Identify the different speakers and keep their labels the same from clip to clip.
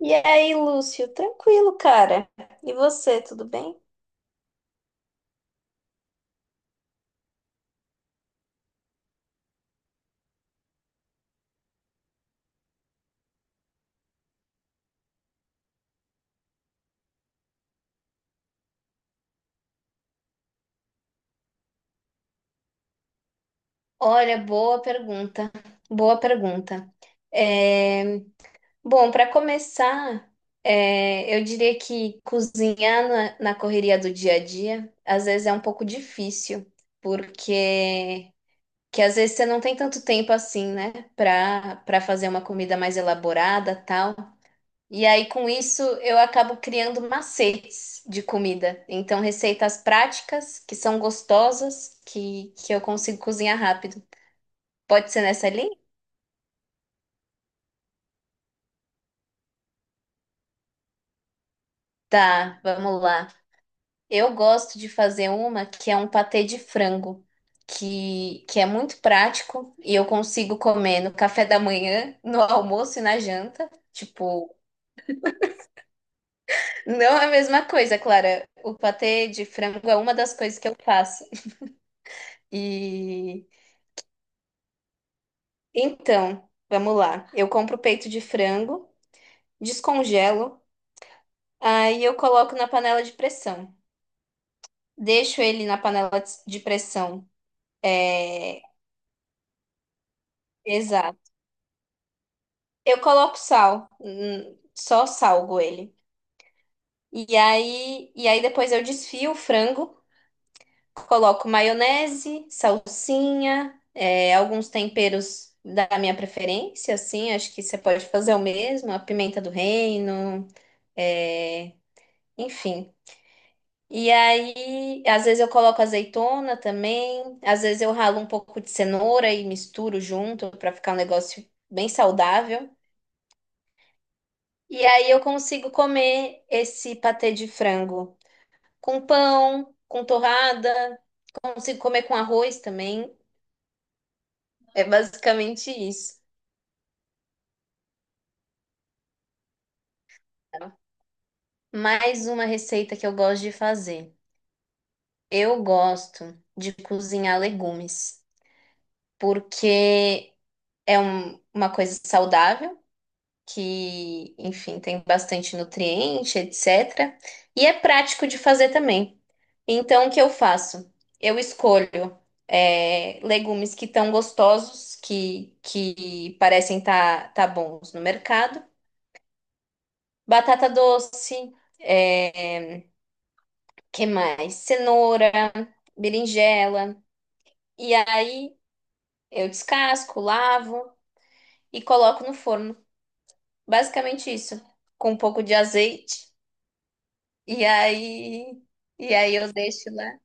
Speaker 1: E aí, Lúcio? Tranquilo, cara. E você, tudo bem? Olha, boa pergunta, boa pergunta. É, Bom, para começar, eu diria que cozinhar na correria do dia a dia às vezes é um pouco difícil, porque que às vezes você não tem tanto tempo assim, né, para fazer uma comida mais elaborada, tal. E aí, com isso, eu acabo criando macetes de comida. Então, receitas práticas, que são gostosas, que eu consigo cozinhar rápido. Pode ser nessa linha? Tá, vamos lá. Eu gosto de fazer uma que é um patê de frango, que é muito prático e eu consigo comer no café da manhã, no almoço e na janta. Tipo, não é a mesma coisa, Clara. O patê de frango é uma das coisas que eu faço. E. Então, vamos lá. Eu compro peito de frango, descongelo, aí eu coloco na panela de pressão. Deixo ele na panela de pressão. É, exato. Eu coloco sal, só salgo ele. E aí depois eu desfio o frango, coloco maionese, salsinha, alguns temperos da minha preferência, assim, acho que você pode fazer o mesmo, a pimenta do reino, é, enfim. E aí, às vezes eu coloco azeitona também, às vezes eu ralo um pouco de cenoura e misturo junto para ficar um negócio bem saudável. E aí eu consigo comer esse patê de frango com pão, com torrada, consigo comer com arroz também. É basicamente isso. Mais uma receita que eu gosto de fazer. Eu gosto de cozinhar legumes, porque uma coisa saudável. Que, enfim, tem bastante nutriente, etc. E é prático de fazer também. Então, o que eu faço? Eu escolho legumes que estão gostosos, que parecem tá bons no mercado. Batata doce, é, que mais? Cenoura, berinjela. E aí eu descasco, lavo e coloco no forno. Basicamente isso, com um pouco de azeite. E aí, e aí eu deixo lá,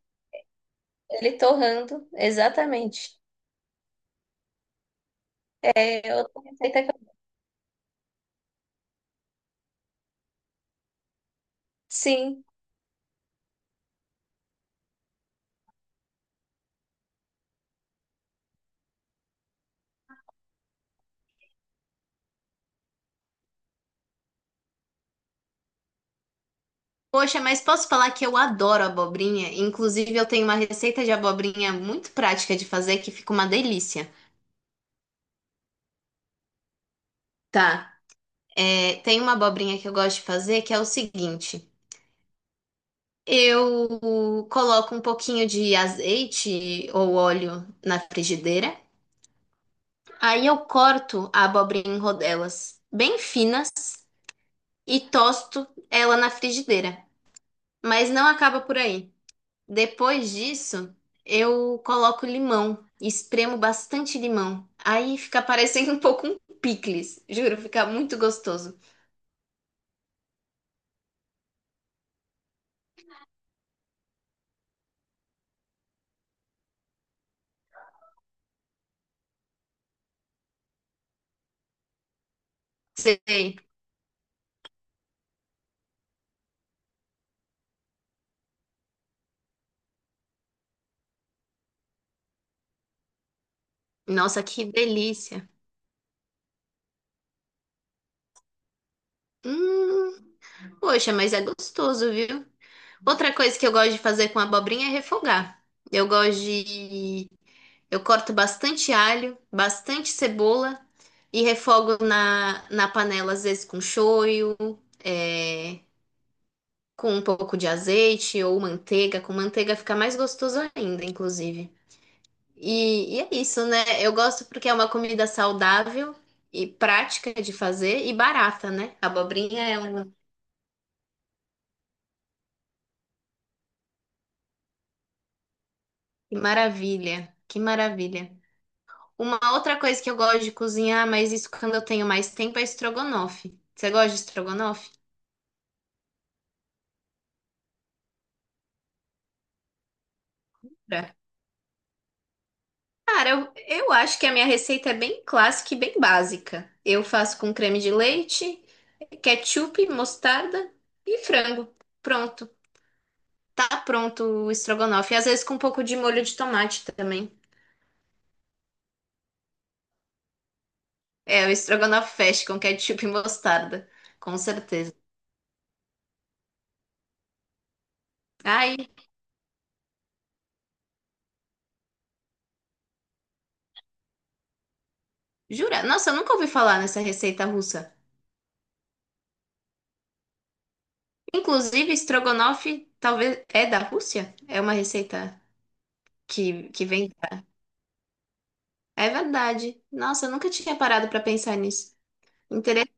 Speaker 1: ele torrando, exatamente. É outra receita que eu... Sim. Poxa, mas posso falar que eu adoro abobrinha? Inclusive, eu tenho uma receita de abobrinha muito prática de fazer que fica uma delícia. Tá. É, tem uma abobrinha que eu gosto de fazer que é o seguinte: eu coloco um pouquinho de azeite ou óleo na frigideira, aí eu corto a abobrinha em rodelas bem finas e tosto ela na frigideira. Mas não acaba por aí. Depois disso, eu coloco limão, espremo bastante limão. Aí fica parecendo um pouco um picles, juro, fica muito gostoso. Sei. Nossa, que delícia. Hum, poxa, mas é gostoso, viu? Outra coisa que eu gosto de fazer com abobrinha é refogar. Eu gosto de. Eu corto bastante alho, bastante cebola e refogo na panela, às vezes com shoyu, é, com um pouco de azeite ou manteiga. Com manteiga fica mais gostoso ainda, inclusive. E é isso, né? Eu gosto porque é uma comida saudável e prática de fazer e barata, né? Abobrinha é uma. Que maravilha, que maravilha. Uma outra coisa que eu gosto de cozinhar, mas isso quando eu tenho mais tempo, é estrogonofe. Você gosta de estrogonofe? É. Cara, eu acho que a minha receita é bem clássica e bem básica. Eu faço com creme de leite, ketchup, mostarda e frango. Pronto. Tá pronto o estrogonofe. Às vezes com um pouco de molho de tomate também. É, o estrogonofe fecha com ketchup e mostarda. Com certeza. Ai, jura? Nossa, eu nunca ouvi falar nessa receita russa. Inclusive, estrogonofe talvez é da Rússia? É uma receita que vem da... É verdade. Nossa, eu nunca tinha parado pra pensar nisso. Interessante.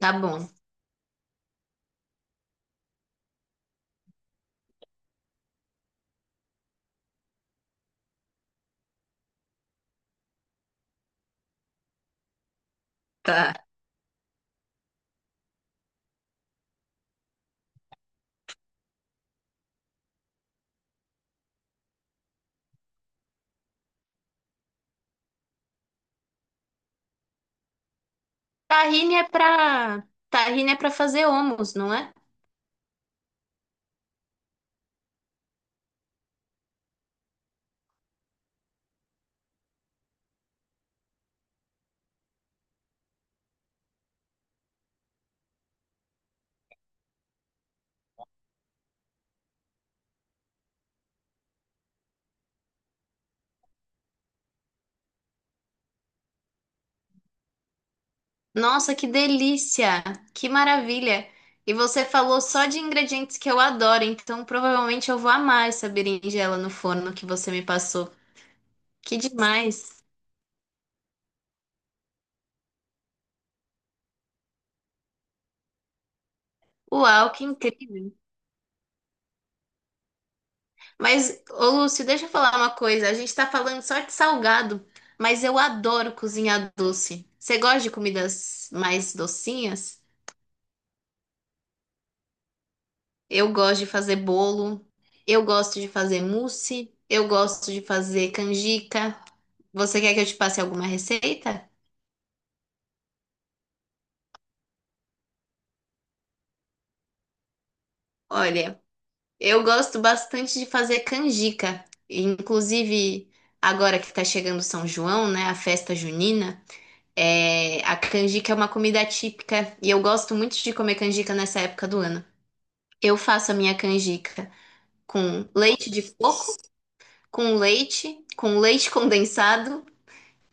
Speaker 1: Tá bom. Tá. Tahine é pra tahine é pra fazer hummus, não é? Nossa, que delícia! Que maravilha! E você falou só de ingredientes que eu adoro, então provavelmente eu vou amar essa berinjela no forno que você me passou. Que demais! Uau, que incrível! Mas, ô Lúcio, deixa eu falar uma coisa. A gente tá falando só de salgado, mas eu adoro cozinhar doce. Você gosta de comidas mais docinhas? Eu gosto de fazer bolo, eu gosto de fazer mousse, eu gosto de fazer canjica. Você quer que eu te passe alguma receita? Olha, eu gosto bastante de fazer canjica. Inclusive, agora que tá chegando São João, né, a festa junina. É, a canjica é uma comida típica e eu gosto muito de comer canjica nessa época do ano. Eu faço a minha canjica com leite de coco, com leite condensado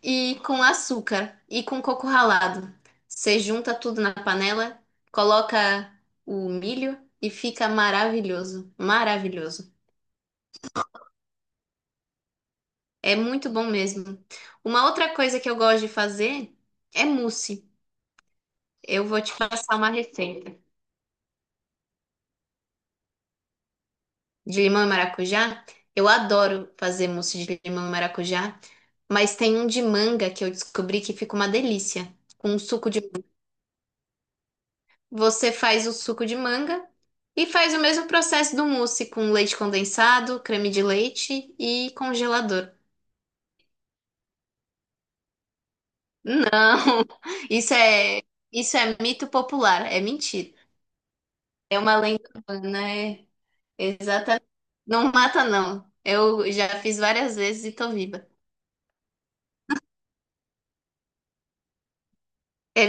Speaker 1: e com açúcar e com coco ralado. Você junta tudo na panela, coloca o milho e fica maravilhoso, maravilhoso. É muito bom mesmo. Uma outra coisa que eu gosto de fazer é mousse. Eu vou te passar uma receita de limão e maracujá. Eu adoro fazer mousse de limão e maracujá, mas tem um de manga que eu descobri que fica uma delícia, com um suco de manga. Você faz o suco de manga e faz o mesmo processo do mousse com leite condensado, creme de leite e congelador. Não, isso é isso é mito popular, é mentira. É uma lenda urbana, é exatamente. Não mata não. Eu já fiz várias vezes e tô viva. É,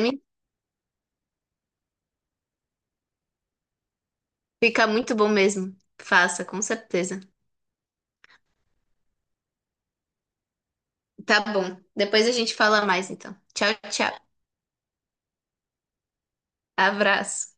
Speaker 1: fica muito bom mesmo. Faça, com certeza. Tá bom. Depois a gente fala mais, então. Tchau, tchau. Abraço.